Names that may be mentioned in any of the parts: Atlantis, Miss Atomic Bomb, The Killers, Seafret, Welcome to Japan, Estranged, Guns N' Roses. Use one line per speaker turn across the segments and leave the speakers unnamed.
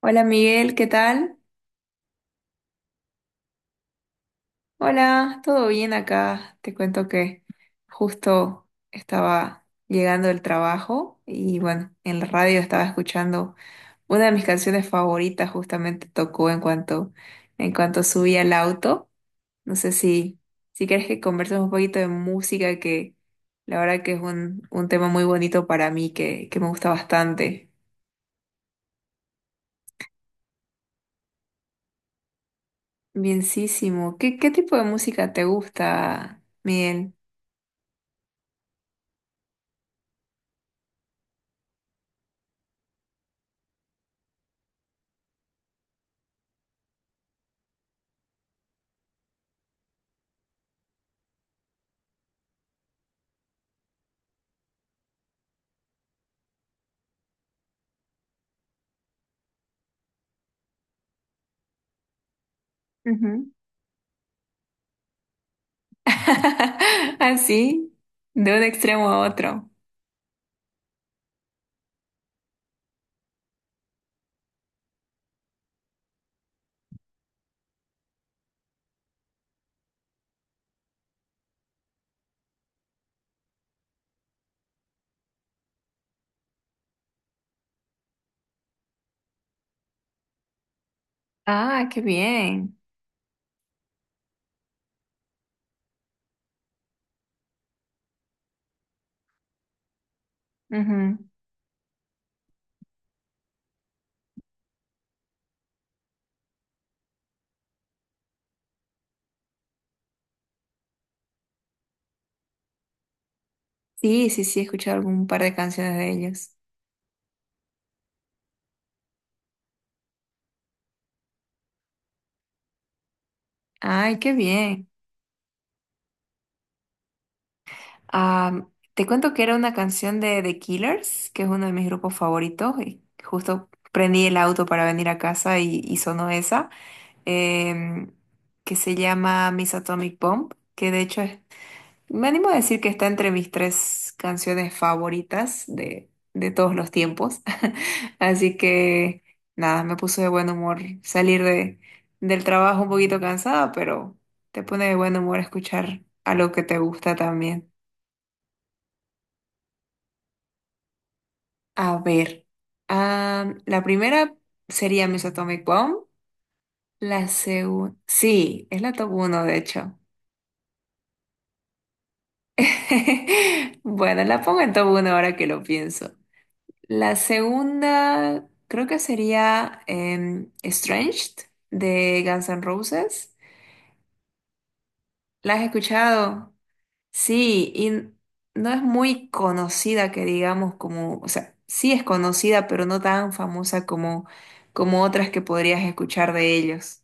Hola Miguel, ¿qué tal? Hola, ¿todo bien acá? Te cuento que justo estaba llegando del trabajo y bueno, en la radio estaba escuchando una de mis canciones favoritas, justamente tocó en cuanto subí al auto. No sé si, si quieres que conversemos un poquito de música, que la verdad que es un tema muy bonito para mí, que me gusta bastante. Bienísimo. ¿Qué tipo de música te gusta, Miguel? Así, de un extremo a otro. Ah, qué bien. Ujú. Sí, sí, sí, he escuchado algún par de canciones de ellos. Ay, qué bien. Ah, te cuento que era una canción de The Killers, que es uno de mis grupos favoritos. Y justo prendí el auto para venir a casa y sonó esa, em, que se llama Miss Atomic Bomb, que de hecho es, me animo a decir que está entre mis tres canciones favoritas de todos los tiempos. Así que nada, me puso de buen humor salir de, del trabajo un poquito cansada, pero te pone de buen humor escuchar algo que te gusta también. A ver, ah, la primera sería Miss Atomic Bomb. La segunda, sí, es la top 1 de hecho. Bueno, la pongo en top 1 ahora que lo pienso. La segunda creo que sería Estranged de Guns N' Roses. ¿La has escuchado? Sí, y no es muy conocida que digamos como, o sea, sí es conocida, pero no tan famosa como, como otras que podrías escuchar de ellos.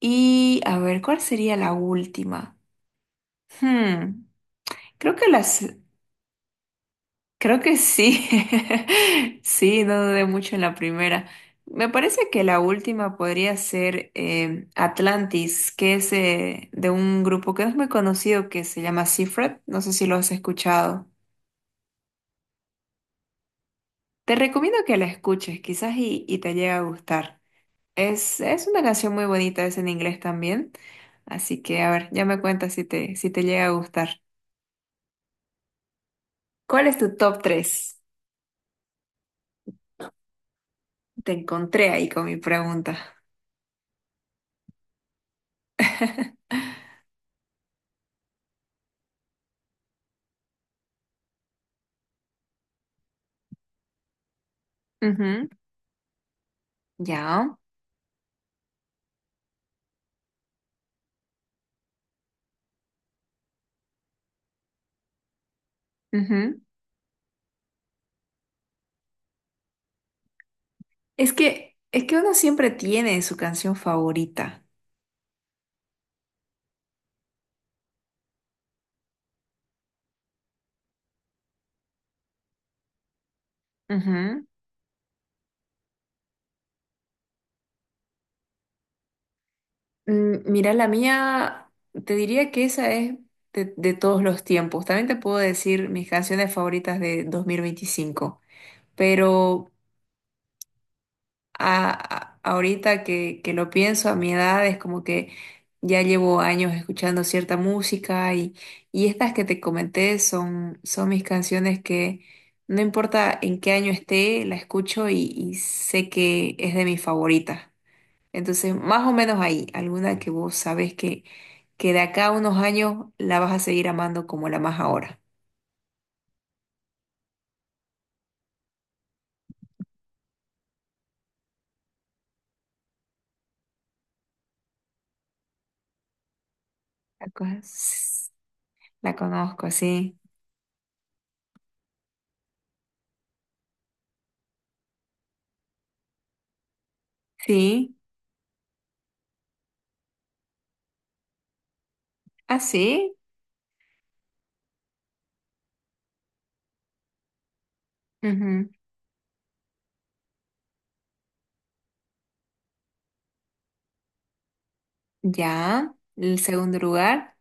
Y a ver, ¿cuál sería la última? Hmm, creo que las, creo que sí. Sí, no dudé mucho en la primera. Me parece que la última podría ser Atlantis, que es de un grupo que no es muy conocido que se llama Seafret. No sé si lo has escuchado. Te recomiendo que la escuches, quizás y te llegue a gustar. Es una canción muy bonita, es en inglés también. Así que, a ver, ya me cuentas si te, si te llega a gustar. ¿Cuál es tu top tres? Te encontré ahí con mi pregunta. Ujú, ya. Ujú. Es que uno siempre tiene su canción favorita. Ujú. Mm, mira, la mía, te diría que esa es de todos los tiempos. También te puedo decir mis canciones favoritas de 2025. Pero ahorita que lo pienso, a mi edad es como que ya llevo años escuchando cierta música y estas que te comenté son, son mis canciones que no importa en qué año esté, la escucho y sé que es de mis favoritas. Entonces, más o menos ahí, alguna que vos sabes que de acá a unos años la vas a seguir amando como la más ahora. La, co- la conozco, sí. Sí, así. Ya, el segundo lugar.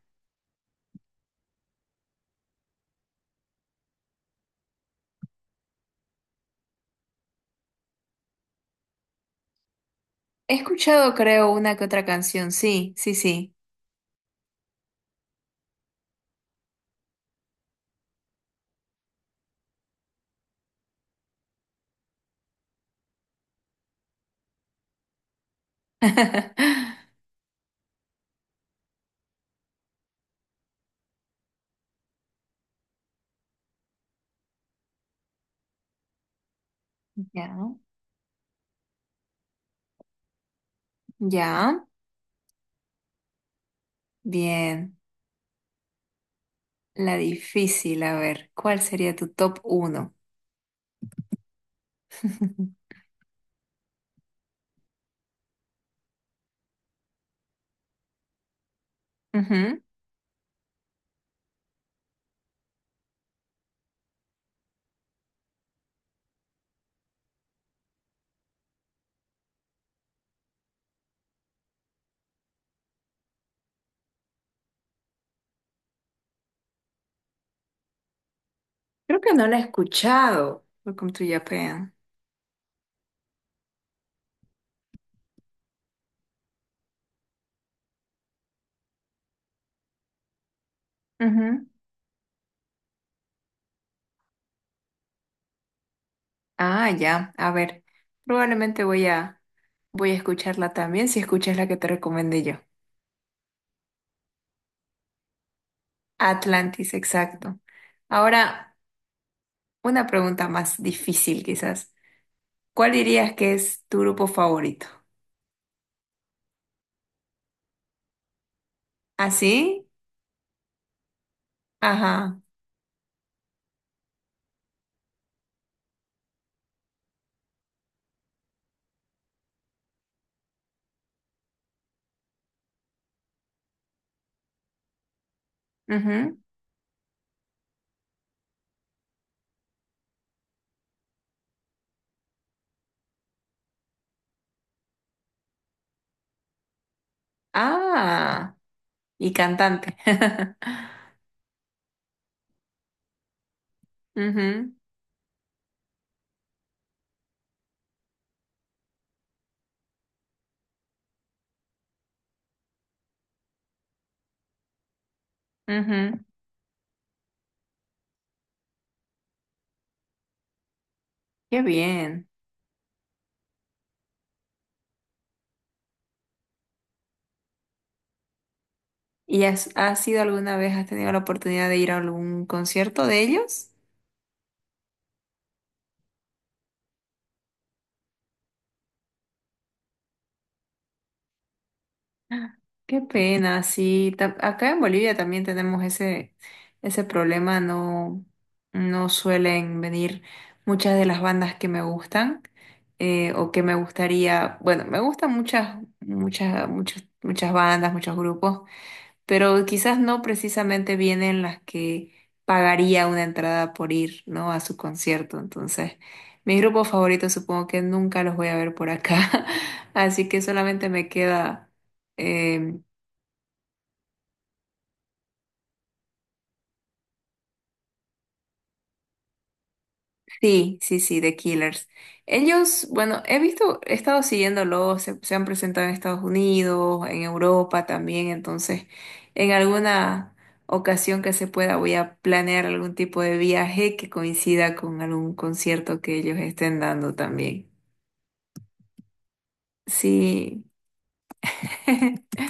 He escuchado, creo, una que otra canción. Sí, sí, sí. Ya, ya. Bien. La difícil, a ver, ¿cuál sería tu top uno? Ujú. Creo que no la he escuchado. Welcome to Japan. Ujú. Ah, ya. A ver, probablemente voy a escucharla también si escuchas la que te recomendé yo. Atlantis, exacto. Ahora, una pregunta más difícil quizás. ¿Cuál dirías que es tu grupo favorito? ¿Así? Ajá. Ujú. Ah, y cantante. Ujú, ujú. Qué bien. ¿Y has, has ido alguna vez, has tenido la oportunidad de ir a algún concierto de ellos? Qué pena, sí. Ta- Acá en Bolivia también tenemos ese, ese problema, no, no suelen venir muchas de las bandas que me gustan o que me gustaría, bueno, me gustan muchas, muchas, muchas, muchas bandas, muchos grupos pero quizás no precisamente vienen las que pagaría una entrada por ir, ¿no? A su concierto. Entonces, mis grupos favoritos supongo que nunca los voy a ver por acá, así que solamente me queda em, sí, sí, sí, The Killers. Ellos, bueno, he visto, he estado siguiéndolos, se han presentado en Estados Unidos, en Europa también, entonces en alguna ocasión que se pueda voy a planear algún tipo de viaje que coincida con algún concierto que ellos estén dando también. Sí,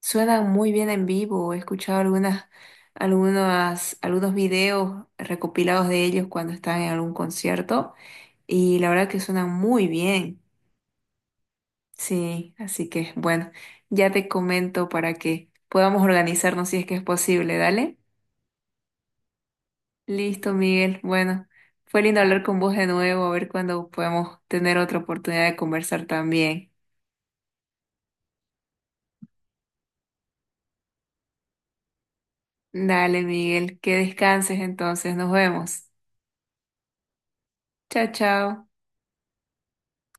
suenan muy bien en vivo, he escuchado algunas, algunas, algunos videos recopilados de ellos cuando están en algún concierto y la verdad que suenan muy bien. Sí, así que bueno, ya te comento para que podamos organizarnos si es que es posible, dale. Listo, Miguel. Bueno, fue lindo hablar con vos de nuevo, a ver cuándo podemos tener otra oportunidad de conversar también. Dale, Miguel, que descanses entonces, nos vemos. Chao, chao.